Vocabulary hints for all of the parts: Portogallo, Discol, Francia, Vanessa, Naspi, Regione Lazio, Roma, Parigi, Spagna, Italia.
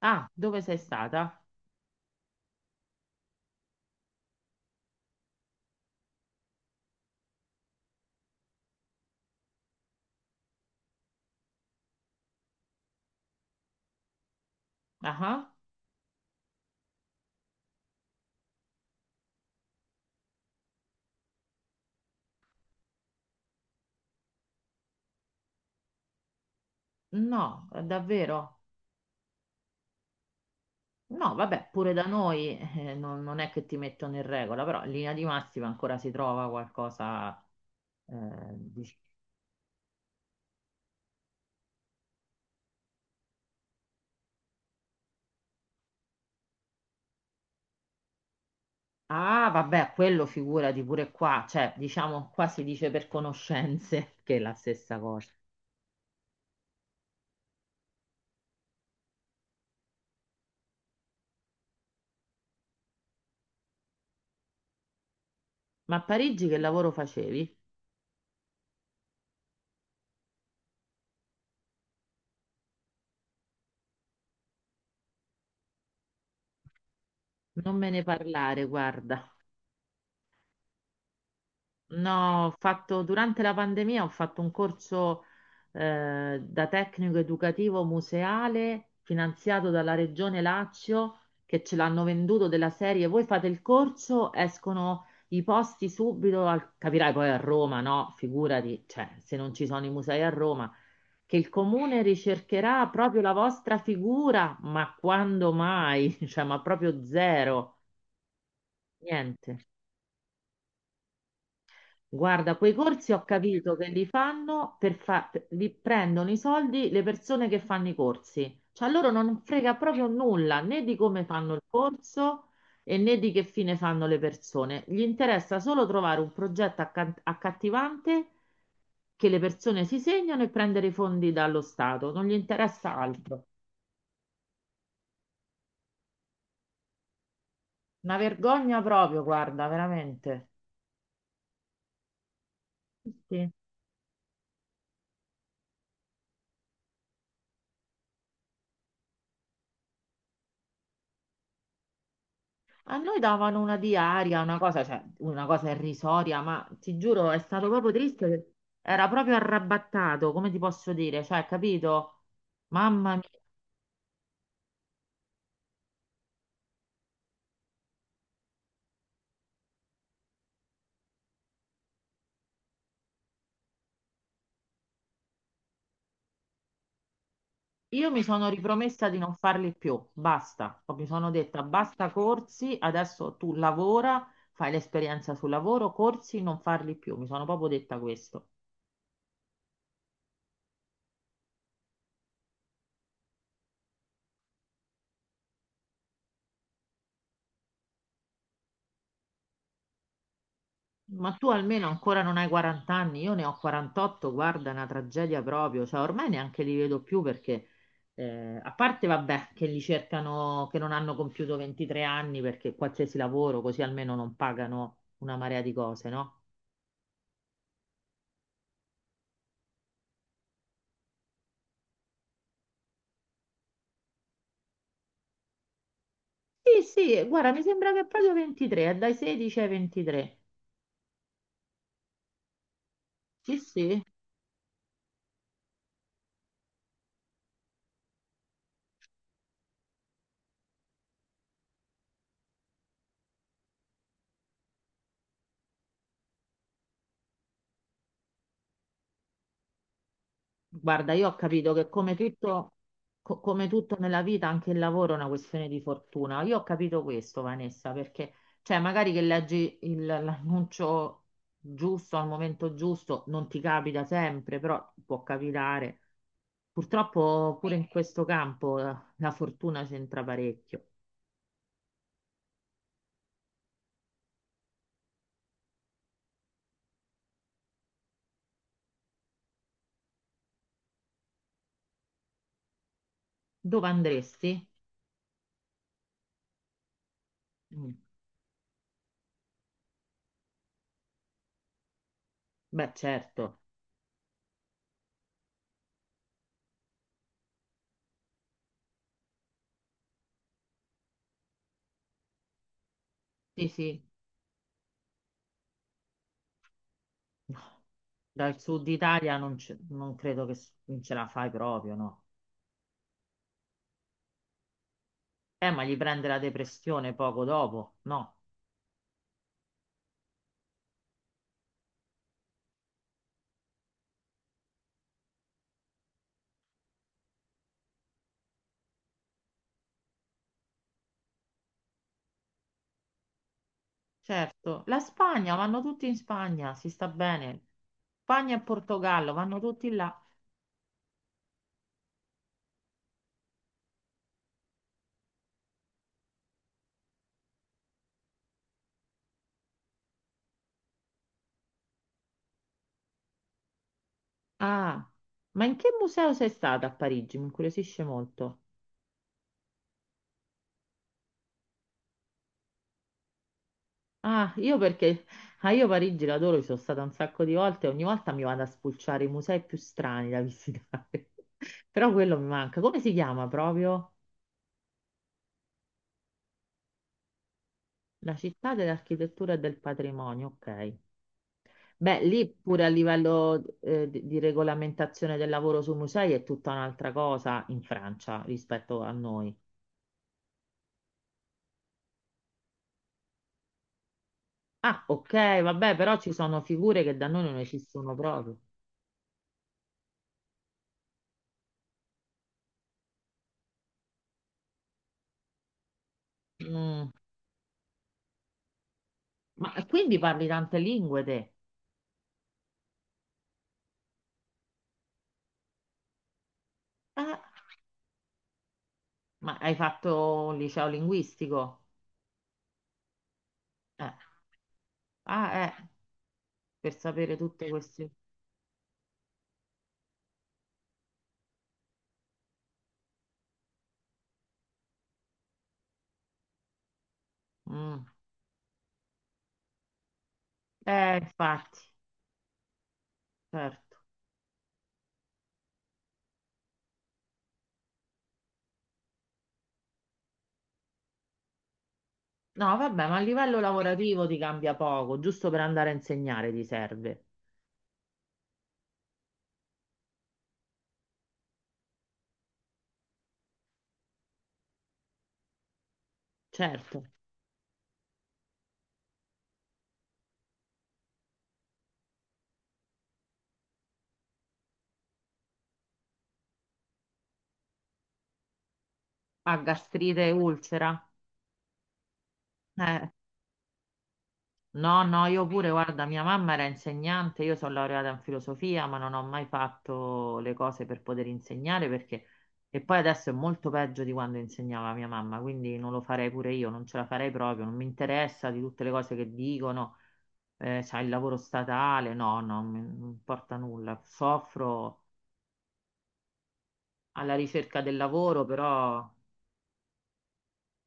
Ah, dove sei stata? Ah, no, davvero? No, vabbè, pure da noi non è che ti mettono in regola, però in linea di massima ancora si trova qualcosa. eh, dic- Ah, vabbè, quello figurati pure qua, cioè diciamo qua si dice per conoscenze, che è la stessa cosa. Ma a Parigi che lavoro facevi? Non me ne parlare, guarda. No, ho fatto, durante la pandemia ho fatto un corso da tecnico educativo museale finanziato dalla Regione Lazio che ce l'hanno venduto della serie. Voi fate il corso, escono i posti subito, capirai poi a Roma, no? Figurati, cioè, se non ci sono i musei a Roma, che il comune ricercherà proprio la vostra figura, ma quando mai? Cioè, ma proprio zero, niente. Guarda, quei corsi ho capito che li fanno li prendono i soldi le persone che fanno i corsi. Cioè a loro non frega proprio nulla né di come fanno il corso e né di che fine fanno le persone. Gli interessa solo trovare un progetto accattivante che le persone si segnano e prendere i fondi dallo Stato. Non gli interessa altro. Una vergogna proprio, guarda, veramente. Sì. A noi davano una diaria, una cosa, cioè, una cosa irrisoria, ma ti giuro, è stato proprio triste. Che Era proprio arrabattato, come ti posso dire? Cioè, capito? Mamma mia, io mi sono ripromessa di non farli più, basta. Mi sono detta, basta corsi, adesso tu lavora, fai l'esperienza sul lavoro, corsi, non farli più. Mi sono proprio detta questo. Ma tu almeno ancora non hai 40 anni, io ne ho 48, guarda, è una tragedia proprio, cioè ormai neanche li vedo più perché, a parte vabbè, che li cercano, che non hanno compiuto 23 anni perché qualsiasi lavoro, così almeno non pagano una marea di cose, no? Sì, sì, guarda, mi sembra che è proprio 23, è dai 16 ai 23. Sì, sì. Guarda, io ho capito che come tutto, come tutto nella vita, anche il lavoro è una questione di fortuna. Io ho capito questo, Vanessa, perché cioè, magari che leggi l'annuncio giusto al momento giusto, non ti capita sempre, però può capitare. Purtroppo pure in questo campo la fortuna c'entra parecchio. Dove andresti? Mm. Beh, certo. Sì, sì. No, dal sud Italia non credo che non ce la fai proprio, no. Ma gli prende la depressione poco dopo, no? Certo, la Spagna, vanno tutti in Spagna, si sta bene. Spagna e Portogallo, vanno tutti là. Ah, ma in che museo sei stata a Parigi? Mi incuriosisce molto. Ah, io perché, io Parigi l'adoro, ci sono stata un sacco di volte, ogni volta mi vado a spulciare i musei più strani da visitare. Però quello mi manca. Come si chiama proprio? La città dell'architettura e del patrimonio, ok. Beh, lì pure a livello di regolamentazione del lavoro sui musei è tutta un'altra cosa in Francia rispetto a noi. Ah, ok, vabbè, però ci sono figure che da noi non esistono proprio. Mm. Ma quindi parli tante lingue te? Eh, ma hai fatto un liceo linguistico? Eh, Ah, per sapere tutte queste. Mm. Infatti, certo. No, vabbè, ma a livello lavorativo ti cambia poco, giusto per andare a insegnare ti serve. Certo. Ah, gastrite e ulcera? Eh, no, no, io pure, guarda, mia mamma era insegnante, io sono laureata in filosofia, ma non ho mai fatto le cose per poter insegnare perché. E poi adesso è molto peggio di quando insegnava mia mamma, quindi non lo farei pure io, non ce la farei proprio, non mi interessa di tutte le cose che dicono, c'ha il lavoro statale, no, no, non importa nulla, soffro alla ricerca del lavoro, però.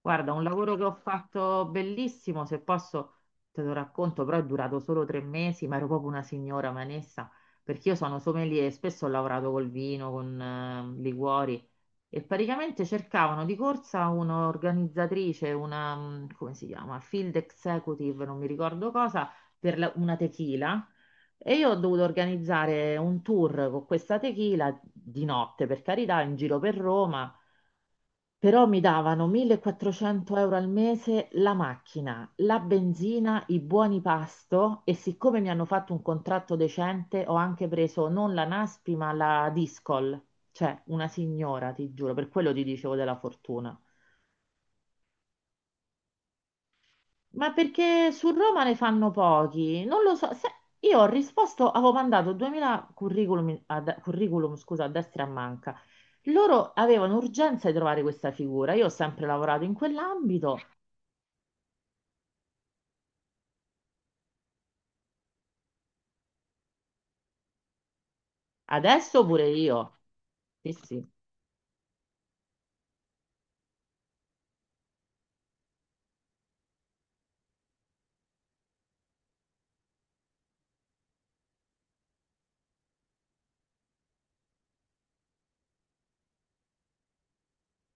Guarda, un lavoro che ho fatto bellissimo, se posso te lo racconto, però è durato solo 3 mesi, ma ero proprio una signora manessa, perché io sono sommelier e spesso ho lavorato col vino, con liquori e praticamente cercavano di corsa un'organizzatrice, una, come si chiama, field executive, non mi ricordo cosa, per una tequila. E io ho dovuto organizzare un tour con questa tequila di notte, per carità, in giro per Roma. Però mi davano 1.400 euro al mese la macchina, la benzina, i buoni pasto e siccome mi hanno fatto un contratto decente ho anche preso non la Naspi ma la Discol, cioè una signora, ti giuro, per quello ti dicevo della fortuna. Ma perché su Roma ne fanno pochi? Non lo so. Io ho risposto, avevo mandato 2000 curriculum, curriculum, scusa, a destra e a manca. Loro avevano urgenza di trovare questa figura. Io ho sempre lavorato in quell'ambito. Adesso pure io. Sì, sì,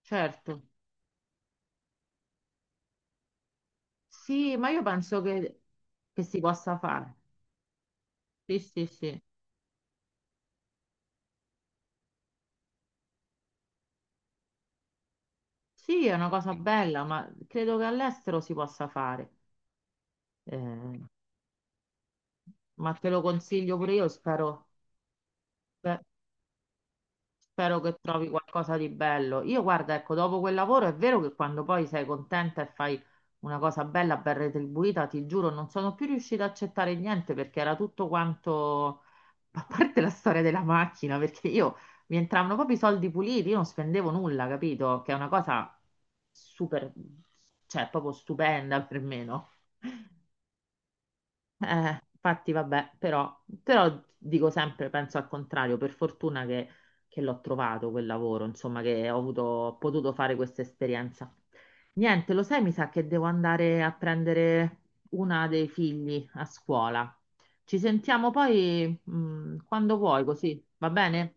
certo. Sì, ma io penso che, si possa fare. Sì, sì, sì. Sì, è una cosa bella, ma credo che all'estero si possa fare. Eh, ma te lo consiglio pure io, spero, spe- spero che trovi qualcosa di bello. Io guarda, ecco, dopo quel lavoro è vero che quando poi sei contenta e fai una cosa bella, ben retribuita, ti giuro, non sono più riuscita a accettare niente perché era tutto quanto a parte la storia della macchina, perché io mi entravano proprio i soldi puliti, io non spendevo nulla, capito? Che è una cosa super, cioè proprio stupenda per me, no? Infatti, vabbè, però dico sempre, penso al contrario, per fortuna che, l'ho trovato quel lavoro, insomma, che ho avuto, ho potuto fare questa esperienza. Niente, lo sai, mi sa che devo andare a prendere una dei figli a scuola. Ci sentiamo poi, quando vuoi, così va bene?